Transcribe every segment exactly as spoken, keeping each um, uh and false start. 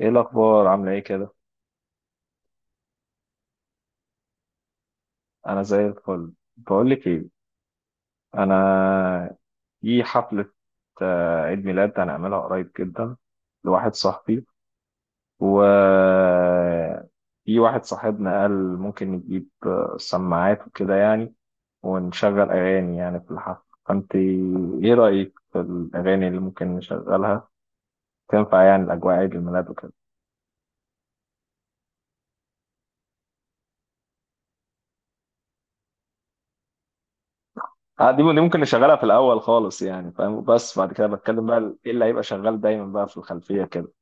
ايه الاخبار عامله ايه كده؟ انا زي الفل. بقول لك ايه، انا في حفله، آه، عيد ميلاد هنعملها قريب جدا لواحد صاحبي. و في واحد صاحبنا قال ممكن نجيب آه، سماعات وكده يعني، ونشغل اغاني يعني في الحفله. فانت ايه رايك في الاغاني اللي ممكن نشغلها؟ تنفع يعني الاجواء عيد الميلاد وكده. آه، دي دي ممكن نشغلها في الاول خالص يعني فاهم، بس بعد كده بتكلم بقى ايه اللي هيبقى شغال دايما بقى في الخلفيه كده.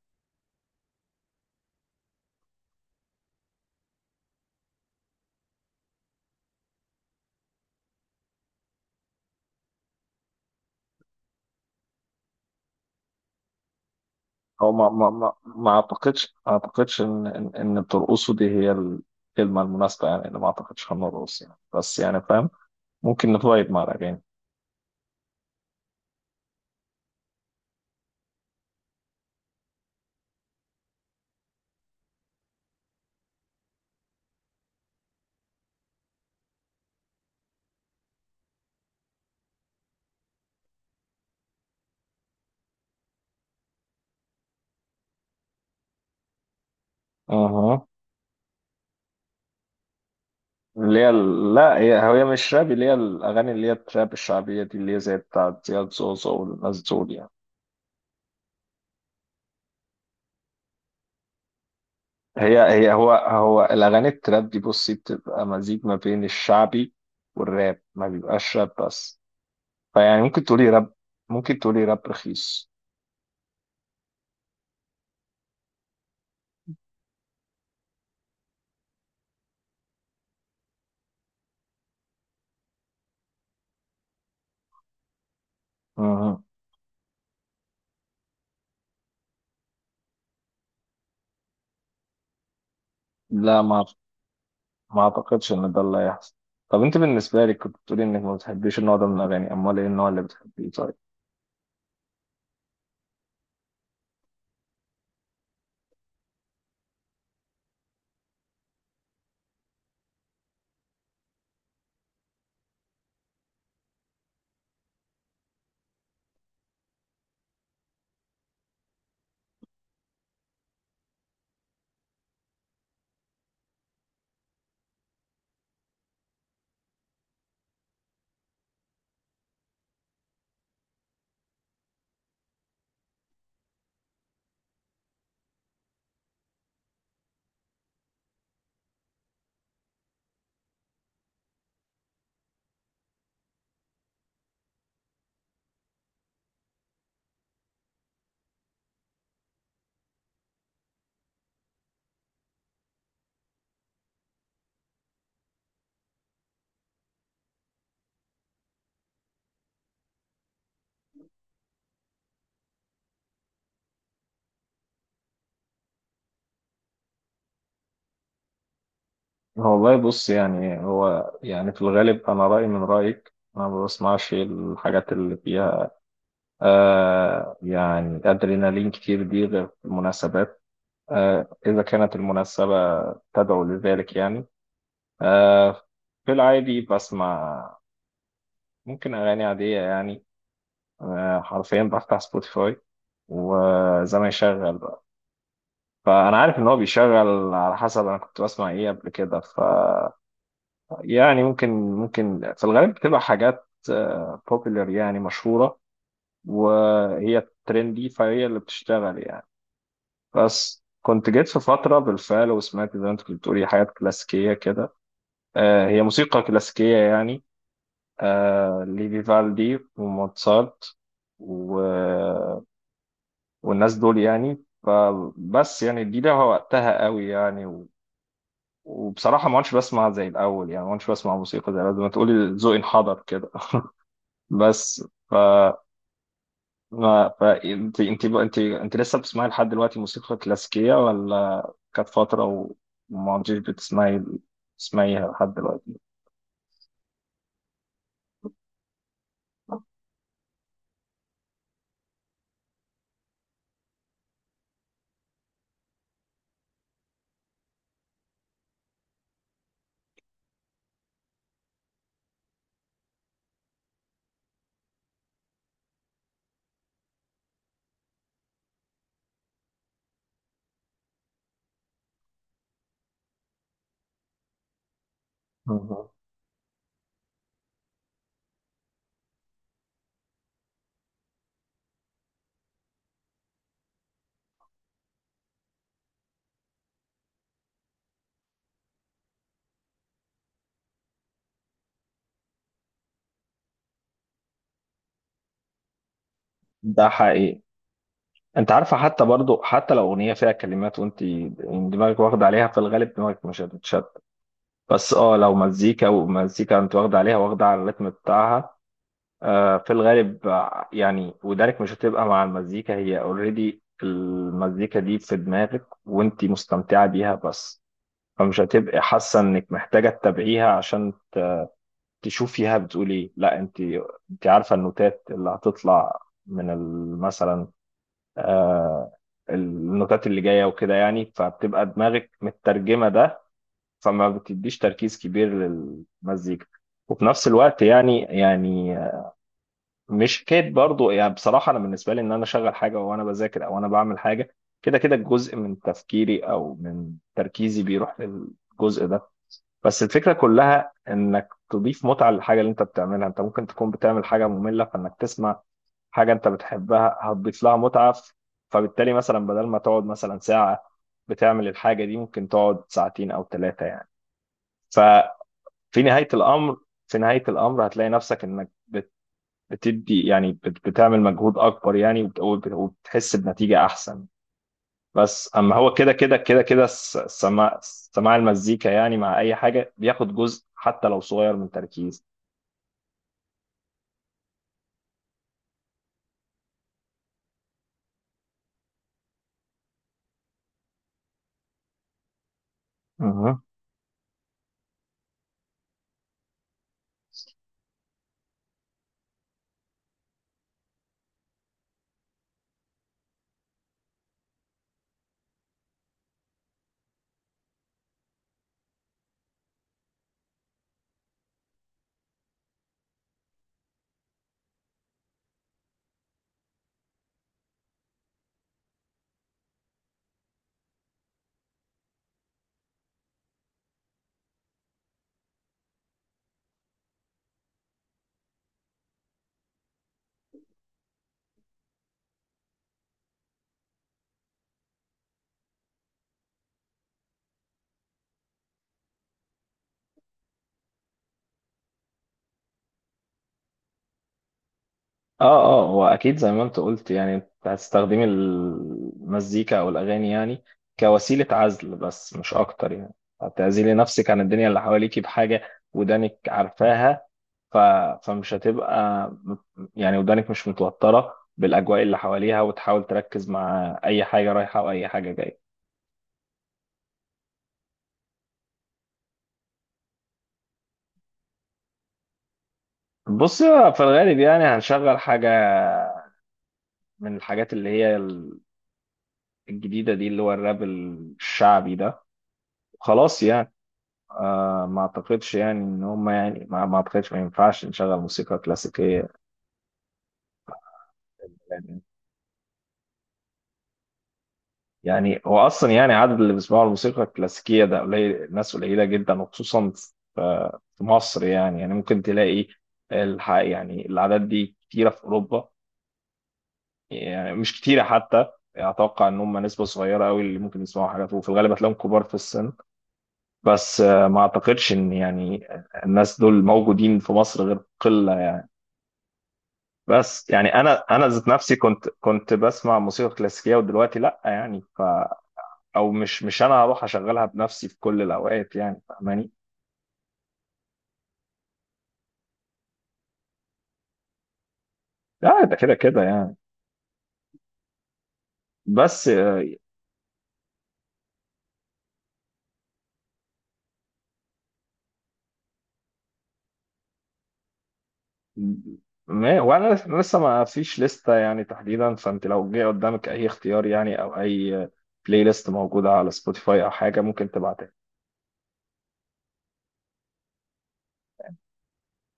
هو ما ما ما ما اعتقدش ما اعتقدش ان ان إن بترقصوا دي هي الكلمه المناسبه يعني، اللي ما اعتقدش هنرقص يعني، بس يعني فاهم. ممكن نفايب مع الاغاني. اها، اللي هي ال- لا، هي هي مش راب، اللي هي الاغاني اللي هي التراب الشعبيه دي، اللي هي زي بتاعت زياد زوزو والناس دول يعني. هي هي هو هو الاغاني التراب دي بصي بتبقى مزيج ما بين الشعبي والراب، ما بيبقاش راب بس. فيعني ممكن تقولي راب، ممكن تقولي راب رخيص. اها. لا، ما ما اعتقدش ان ده اللي هيحصل. طب انت بالنسبه لك كنت بتقولي انك ما بتحبيش النوع ده من الاغاني، امال ايه النوع اللي بتحبيه طيب؟ هو والله بص يعني هو يعني في الغالب انا رايي من رايك، انا ما بسمعش الحاجات اللي فيها آه يعني ادرينالين كتير، دي غير في المناسبات آه اذا كانت المناسبه تدعو لذلك يعني. آه في العادي بسمع ممكن اغاني عاديه يعني، آه حرفيا بفتح سبوتيفاي وزي ما يشغل. فانا عارف ان هو بيشغل على حسب انا كنت بسمع ايه قبل كده، ف يعني ممكن ممكن في الغالب بتبقى حاجات بوبيلر يعني مشهوره، وهي ترندي فهي اللي بتشتغل يعني. بس كنت جيت في فتره بالفعل وسمعت زي ما انت كنت بتقولي حاجات كلاسيكيه كده، آه، هي موسيقى كلاسيكيه يعني، آه، لفيفالدي وموتسارت و... والناس دول يعني، فبس يعني دي لها وقتها قوي يعني. وبصراحة ما عدتش بسمع زي الأول يعني، ما عدتش بسمع موسيقى زي الأول، زي ما تقولي ذوقي انحدر كده. بس ف ما ف انت انت انت انت لسه بتسمعي لحد دلوقتي موسيقى كلاسيكية، ولا كانت فترة وما عدتيش بتسمعي تسمعيها لحد دلوقتي؟ مهم. ده حقيقي. انت عارفة حتى برضو حتى لو أغنية فيها كلمات وانت دماغك واخدة عليها في الغالب دماغك مش هتتشتت. بس اه لو مزيكا ومزيكا انت واخدة عليها واخدة على الريتم بتاعها، آه، في الغالب آه، يعني ودانك مش هتبقى مع المزيكا، هي اوريدي المزيكا دي في دماغك وانتي مستمتعة بيها بس. فمش هتبقى حاسة انك محتاجة تتابعيها عشان تشوفيها بتقول ايه، لا انتي، انتي عارفة النوتات اللي هتطلع من ال- مثلا آه، النوتات اللي جاية وكده يعني، فبتبقى دماغك مترجمة ده، فما بتديش تركيز كبير للمزيكا. وفي نفس الوقت يعني يعني مش حكايه برضو يعني، بصراحه انا بالنسبه لي ان انا اشغل حاجه وانا بذاكر او انا بعمل حاجه، كده كده جزء من تفكيري او من تركيزي بيروح للجزء ده. بس الفكره كلها انك تضيف متعه للحاجه اللي انت بتعملها، انت ممكن تكون بتعمل حاجه ممله فانك تسمع حاجه انت بتحبها هتضيف لها متعه، ف- فبالتالي مثلا بدل ما تقعد مثلا ساعه بتعمل الحاجه دي ممكن تقعد ساعتين او ثلاثه يعني. ففي نهايه الامر، في نهايه الامر هتلاقي نفسك انك بتدي يعني بت- بتعمل مجهود اكبر يعني، وبت- وبت- وبتحس بنتيجة احسن. بس اما هو كده كده كده كده الس- السماع، سماع المزيكا يعني مع اي حاجة بياخد جزء حتى لو صغير من تركيز. اها. اه اه هو اكيد زي ما انت قلت يعني انت هتستخدمي المزيكا او الاغاني يعني كوسيله عزل بس مش اكتر يعني، هتعزلي نفسك عن الدنيا اللي حواليكي بحاجه ودانك عارفاها، ف... فمش هتبقى م- يعني ودانك مش متوترة بالأجواء اللي حواليها وتحاول تركز مع أي حاجة رايحة وأي حاجة جاية. بص في الغالب يعني هنشغل حاجة من الحاجات اللي هي ال- الجديدة دي اللي هو الراب الشعبي ده، خلاص يعني. آه ما أعتقدش يعني إن هم يعني ما, ما أعتقدش ما ينفعش نشغل موسيقى كلاسيكية. يعني هو اصلا يعني عدد اللي بيسمعوا الموسيقى الكلاسيكيه ده قليل، ناس قليله جدا، وخصوصا في في مصر يعني، يعني ممكن تلاقي الح... يعني الاعداد دي كتيره في اوروبا، يعني مش كتيره حتى. اتوقع ان هم نسبه صغيره قوي اللي ممكن يسمعوا حاجات، وفي الغالب هتلاقيهم كبار في السن. بس آه، ما اعتقدش ان يعني الناس دول موجودين في مصر غير قله يعني. بس يعني انا انا ذات نفسي كنت كنت بسمع موسيقى كلاسيكيه ودلوقتي لا يعني، ف او مش مش انا هروح اشغلها بنفسي في كل الاوقات يعني فاهماني. لا ده كده كده يعني. بس آه، ما وانا لس- لسه ما فيش لستة يعني تحديدا، فانت لو جه قدامك اي اختيار يعني او اي بلاي ليست موجودة على سبوتيفاي او حاجة ممكن تبعتها.